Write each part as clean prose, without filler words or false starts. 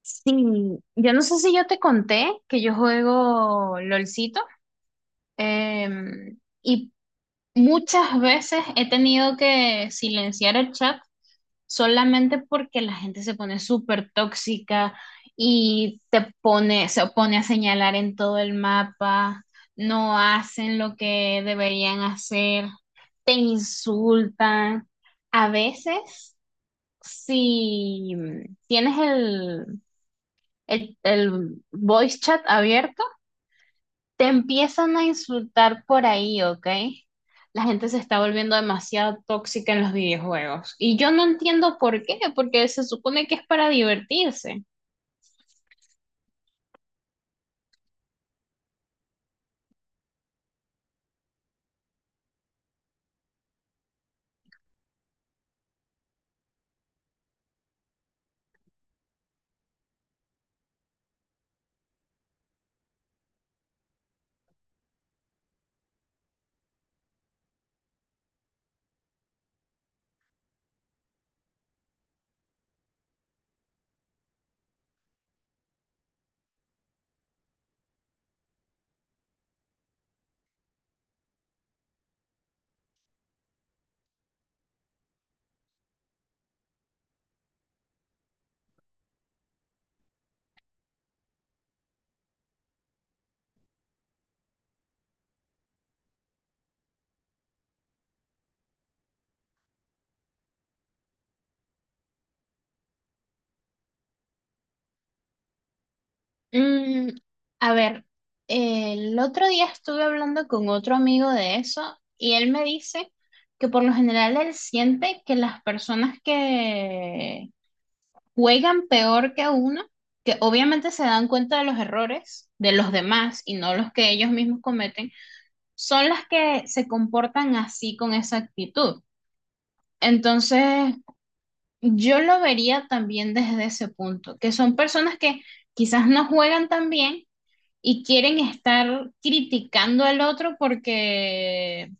Sí, yo no sé si yo te conté que yo juego LOLcito y muchas veces he tenido que silenciar el chat solamente porque la gente se pone súper tóxica y te pone, se pone a señalar en todo el mapa, no hacen lo que deberían hacer, te insultan. A veces, si tienes el voice chat abierto, te empiezan a insultar por ahí, ¿ok? La gente se está volviendo demasiado tóxica en los videojuegos. Y yo no entiendo por qué, porque se supone que es para divertirse. Mm, a ver, el otro día estuve hablando con otro amigo de eso y él me dice que por lo general él siente que las personas que juegan peor que uno, que obviamente se dan cuenta de los errores de los demás y no los que ellos mismos cometen, son las que se comportan así con esa actitud. Entonces, yo lo vería también desde ese punto, que son personas que quizás no juegan tan bien y quieren estar criticando al otro porque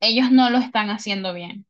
ellos no lo están haciendo bien.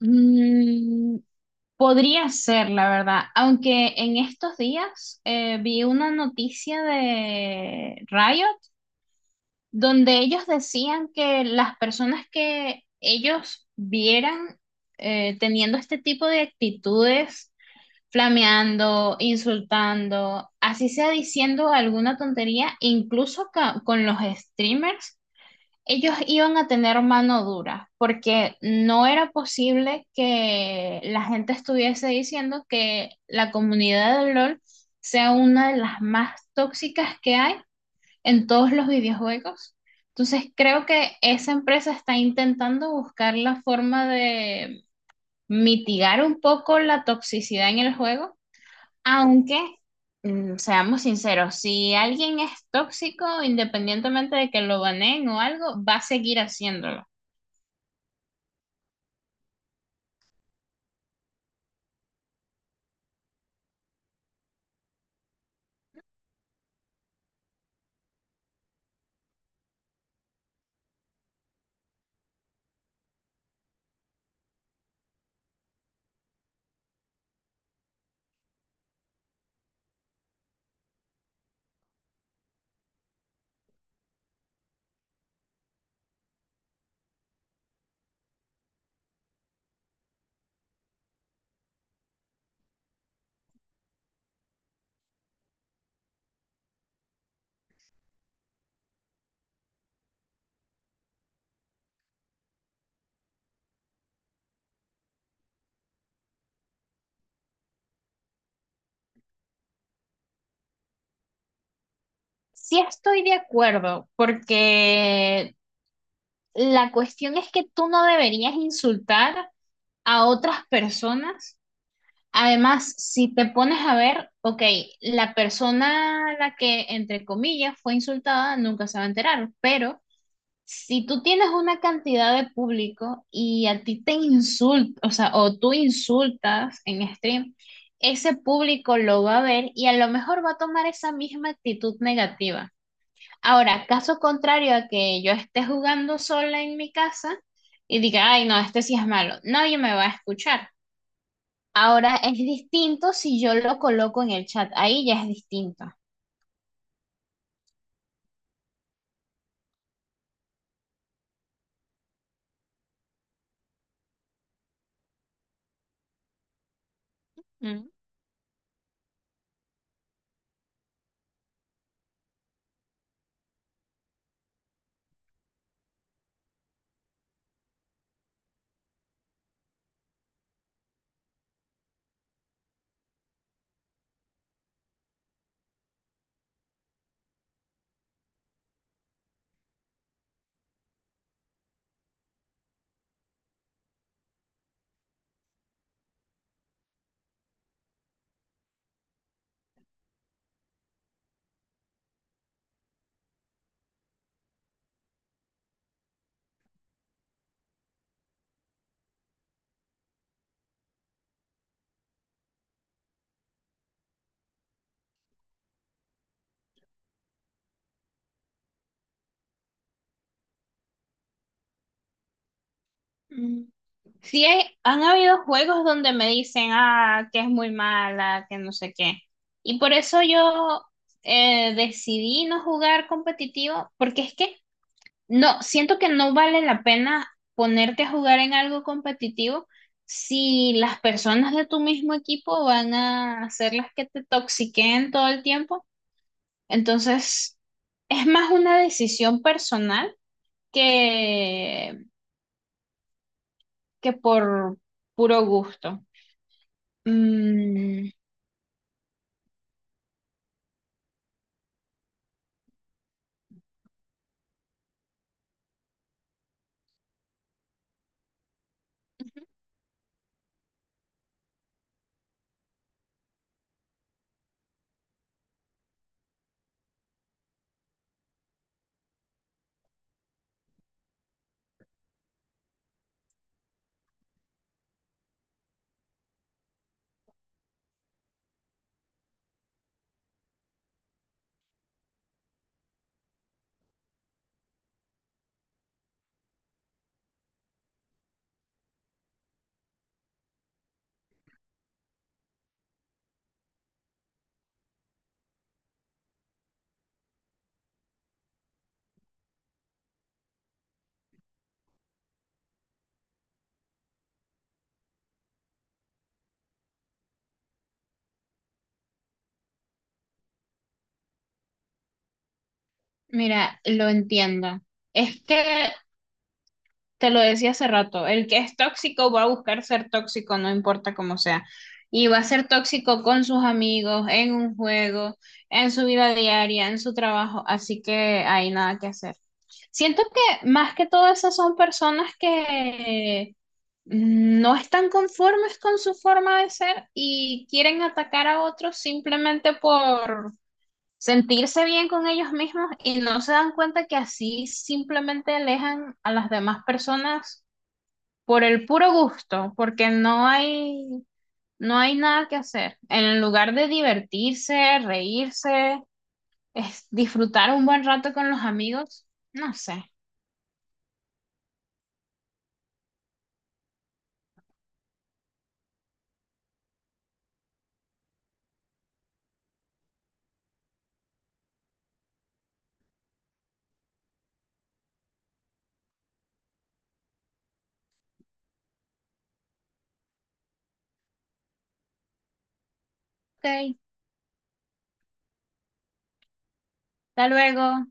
Mm, podría ser, la verdad, aunque en estos días vi una noticia de Riot donde ellos decían que las personas que ellos vieran teniendo este tipo de actitudes, flameando, insultando, así sea diciendo alguna tontería, incluso con los streamers, ellos iban a tener mano dura, porque no era posible que la gente estuviese diciendo que la comunidad de LOL sea una de las más tóxicas que hay en todos los videojuegos. Entonces creo que esa empresa está intentando buscar la forma de mitigar un poco la toxicidad en el juego aunque, seamos sinceros, si alguien es tóxico, independientemente de que lo baneen o algo, va a seguir haciéndolo. Sí estoy de acuerdo, porque la cuestión es que tú no deberías insultar a otras personas. Además, si te pones a ver, ok, la persona a la que, entre comillas, fue insultada nunca se va a enterar, pero si tú tienes una cantidad de público y a ti te insulta, o sea, o tú insultas en stream, ese público lo va a ver y a lo mejor va a tomar esa misma actitud negativa. Ahora, caso contrario a que yo esté jugando sola en mi casa y diga, ay, no, este sí es malo, nadie me va a escuchar. Ahora es distinto si yo lo coloco en el chat, ahí ya es distinto. Mm. Sí, han habido juegos donde me dicen, ah, que es muy mala, que no sé qué. Y por eso yo decidí no jugar competitivo, porque es que no, siento que no vale la pena ponerte a jugar en algo competitivo si las personas de tu mismo equipo van a ser las que te toxiquen todo el tiempo. Entonces, es más una decisión personal que, que por puro gusto. Mm, ujú. Mira, lo entiendo. Es que te lo decía hace rato, el que es tóxico va a buscar ser tóxico, no importa cómo sea. Y va a ser tóxico con sus amigos, en un juego, en su vida diaria, en su trabajo, así que hay nada que hacer. Siento que más que todo esas son personas que no están conformes con su forma de ser y quieren atacar a otros simplemente por sentirse bien con ellos mismos y no se dan cuenta que así simplemente alejan a las demás personas por el puro gusto, porque no hay, no hay nada que hacer. En lugar de divertirse, reírse, es disfrutar un buen rato con los amigos, no sé. Ok, hasta luego.